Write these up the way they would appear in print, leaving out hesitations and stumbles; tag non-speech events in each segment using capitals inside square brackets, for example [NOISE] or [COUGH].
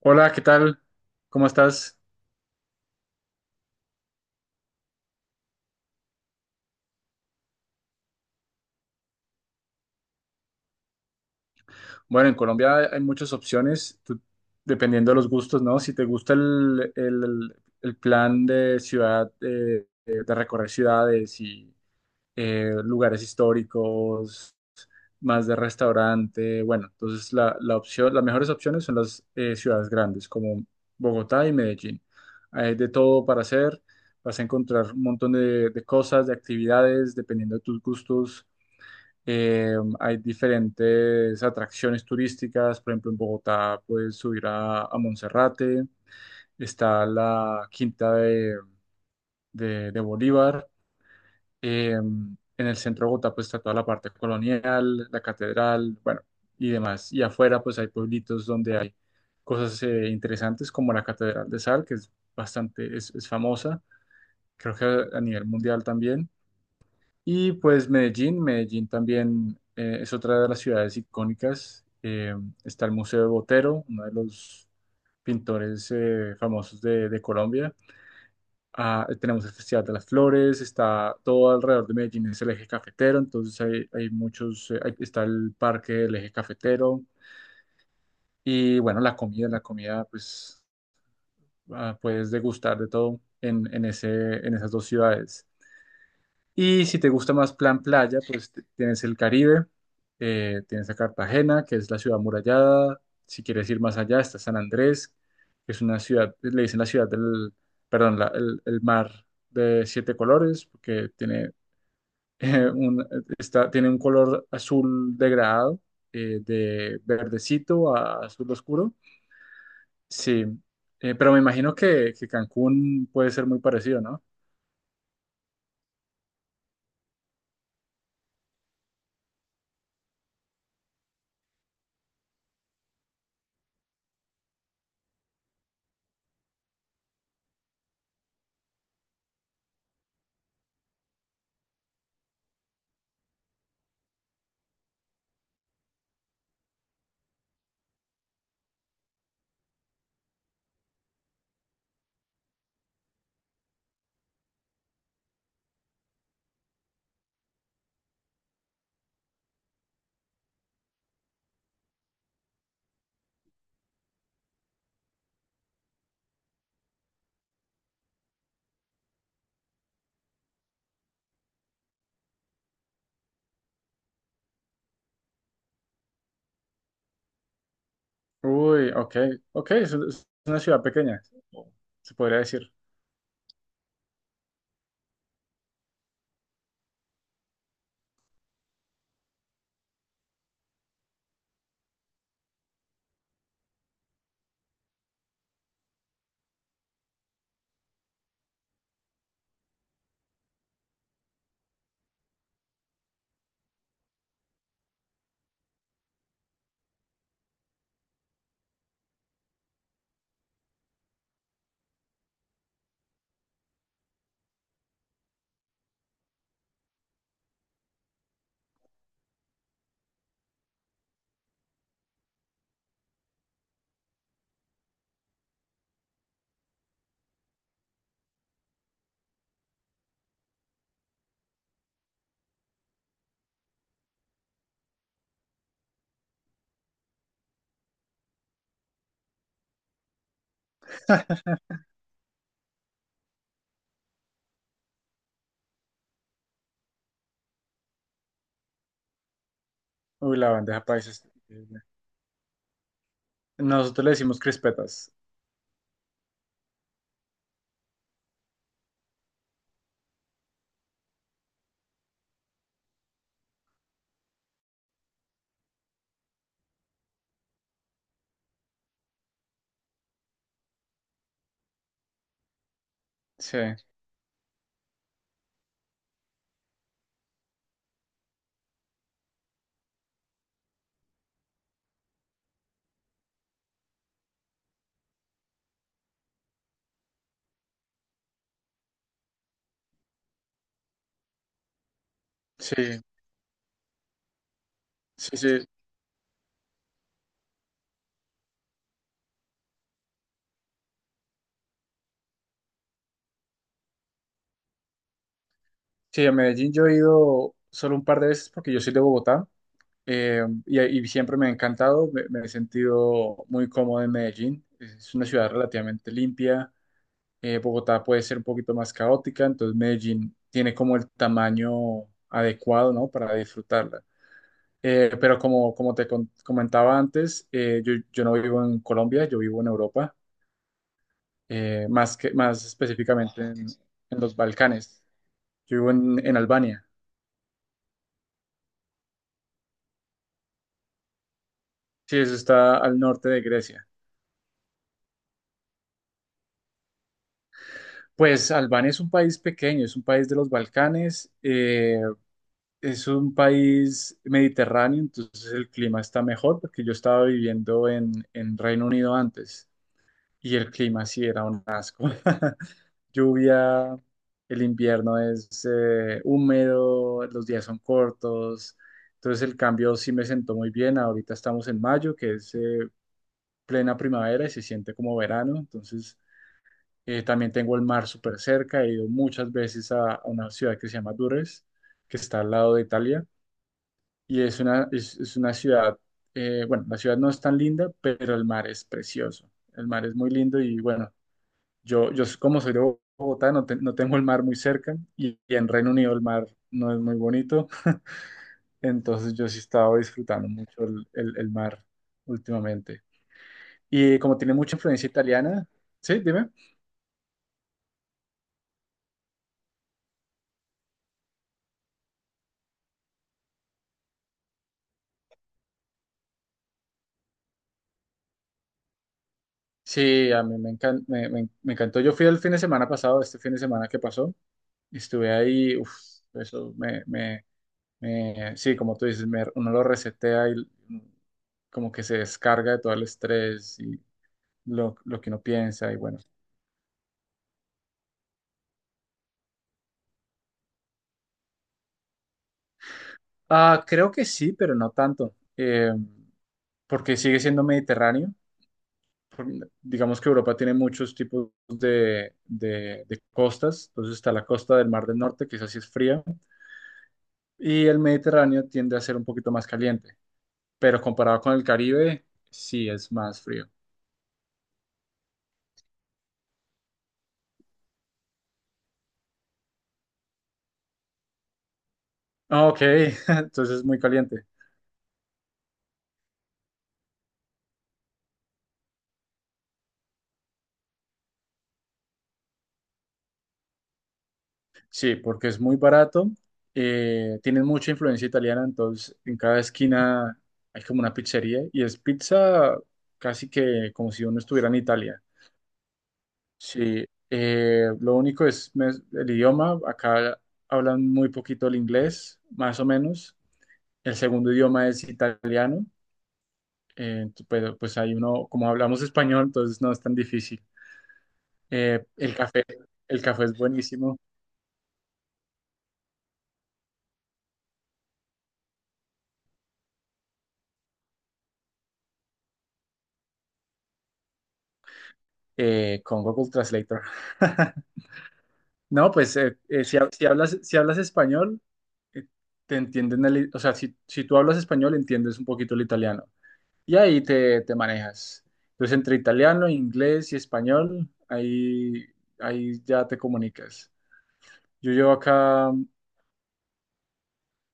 Hola, ¿qué tal? ¿Cómo estás? Bueno, en Colombia hay muchas opciones, dependiendo de los gustos, ¿no? Si te gusta el plan de ciudad, de recorrer ciudades y lugares históricos, más de restaurante, bueno, entonces las mejores opciones son las ciudades grandes, como Bogotá y Medellín. Hay de todo para hacer, vas a encontrar un montón de cosas, de actividades, dependiendo de tus gustos. Hay diferentes atracciones turísticas, por ejemplo, en Bogotá puedes subir a Monserrate, está la Quinta de Bolívar, eh, en el centro de Bogotá pues está toda la parte colonial, la catedral, bueno, y demás. Y afuera pues hay pueblitos donde hay cosas interesantes como la Catedral de Sal, que es bastante, es famosa, creo que a nivel mundial también. Y pues Medellín, Medellín también es otra de las ciudades icónicas. Está el Museo de Botero, uno de los pintores famosos de Colombia. Ah, tenemos el Festival de las Flores, está todo alrededor de Medellín, es el eje cafetero, entonces hay muchos, está el parque del eje cafetero y bueno, la comida pues ah, puedes degustar de todo en esas dos ciudades. Y si te gusta más plan playa, pues tienes el Caribe, tienes a Cartagena, que es la ciudad amurallada. Si quieres ir más allá, está San Andrés, que es una ciudad, le dicen la ciudad del, perdón, la- el mar de siete colores, porque tiene, [LAUGHS] eh, un, tiene un color azul degradado, de verdecito a azul oscuro. Sí, pero me imagino que Cancún puede ser muy parecido, ¿no? Uy, ok, ok, es una ciudad pequeña, se podría decir. Uy, la bandeja paisa. Es increíble. Nosotros le decimos crispetas. Sí, sí, sí, sí. Sí, a Medellín yo he ido solo un par de veces porque yo soy de Bogotá y siempre me ha encantado, me he sentido muy cómodo en Medellín. Es una ciudad relativamente limpia. Eh, Bogotá puede ser un poquito más caótica, entonces Medellín tiene como el tamaño adecuado, ¿no? Para disfrutarla. Pero como, comentaba antes, yo no vivo en Colombia, yo vivo en Europa, más específicamente en los Balcanes. Yo vivo en Albania. Sí, eso está al norte de Grecia. Pues Albania es un país pequeño, es un país de los Balcanes, es un país mediterráneo, entonces el clima está mejor porque yo estaba viviendo en Reino Unido antes y el clima sí era un asco. [LAUGHS] Lluvia, el invierno es húmedo, los días son cortos, entonces el cambio sí me sentó muy bien. Ahorita estamos en mayo, que es plena primavera y se siente como verano, entonces también tengo el mar súper cerca, he ido muchas veces a una ciudad que se llama Durres, que está al lado de Italia, y es una, es una ciudad, bueno, la ciudad no es tan linda, pero el mar es precioso. El mar es muy lindo y bueno, yo como soy de Bogotá, no, no tengo el mar muy cerca y en Reino Unido el mar no es muy bonito, entonces yo sí he estado disfrutando mucho el mar últimamente. Y como tiene mucha influencia italiana, sí, dime. Sí, a mí me, me encantó. Yo fui el fin de semana pasado, este fin de semana que pasó, y estuve ahí, uf, eso sí, como tú dices, me- uno lo resetea y como que se descarga de todo el estrés y lo que uno piensa y bueno. Ah, creo que sí, pero no tanto, porque sigue siendo Mediterráneo. Por- Digamos que Europa tiene muchos tipos de costas, entonces está la costa del Mar del Norte, que esa sí es fría, y el Mediterráneo tiende a ser un poquito más caliente, pero comparado con el Caribe, sí es más frío. Ah, ok, [LAUGHS] entonces es muy caliente. Sí, porque es muy barato. Eh, tienen mucha influencia italiana, entonces en cada esquina hay como una pizzería y es pizza casi que como si uno estuviera en Italia. Sí, lo único es me- el idioma. Acá hablan muy poquito el inglés, más o menos. El segundo idioma es italiano, pero pues ahí uno, como hablamos español, entonces no es tan difícil. Eh, el café, el café es buenísimo. Con Google Translator. [LAUGHS] No, pues si hablas español, eh, te entienden o sea, si tú hablas español, entiendes un poquito el italiano y ahí te manejas. Entonces, entre italiano, inglés y español, ahí ya te comunicas. Yo llevo acá,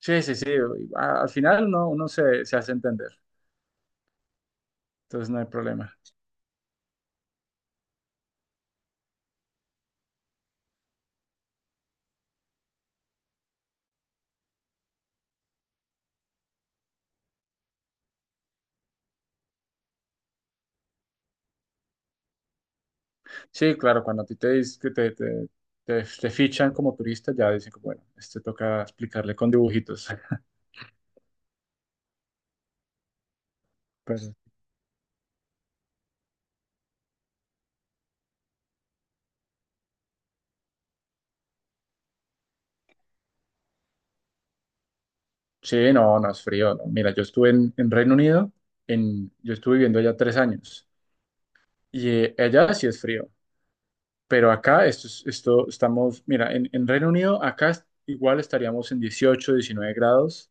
sí, sí, sí, al final uno, se hace entender, entonces no hay problema. Sí, claro, cuando a ti te, dis- que te fichan como turista, ya dicen, como, bueno, este toca explicarle con dibujitos. [LAUGHS] Sí, no, no es frío, no. Mira, yo estuve en Reino Unido, en, yo estuve viviendo allá 3 años y allá sí es frío, pero acá esto, esto estamos, mira, en Reino Unido acá igual estaríamos en 18, 19 grados,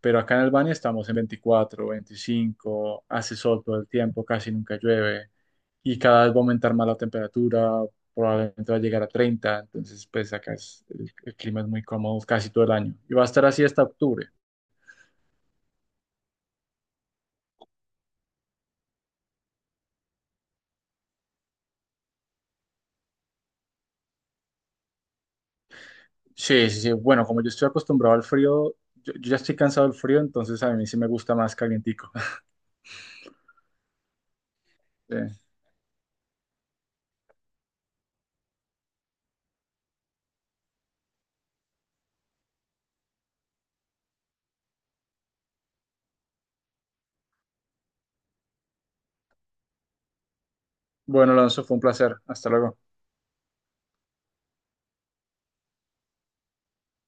pero acá en Albania estamos en 24, 25, hace sol todo el tiempo, casi nunca llueve y cada vez va a aumentar más la temperatura, probablemente va a llegar a 30, entonces pues acá es, el clima es muy cómodo casi todo el año y va a estar así hasta octubre. Sí, sí, sí. Bueno, como yo estoy acostumbrado al frío, yo ya estoy cansado del frío, entonces a mí sí me gusta más calientico. [LAUGHS] Sí. Bueno, Alonso, fue un placer. Hasta luego.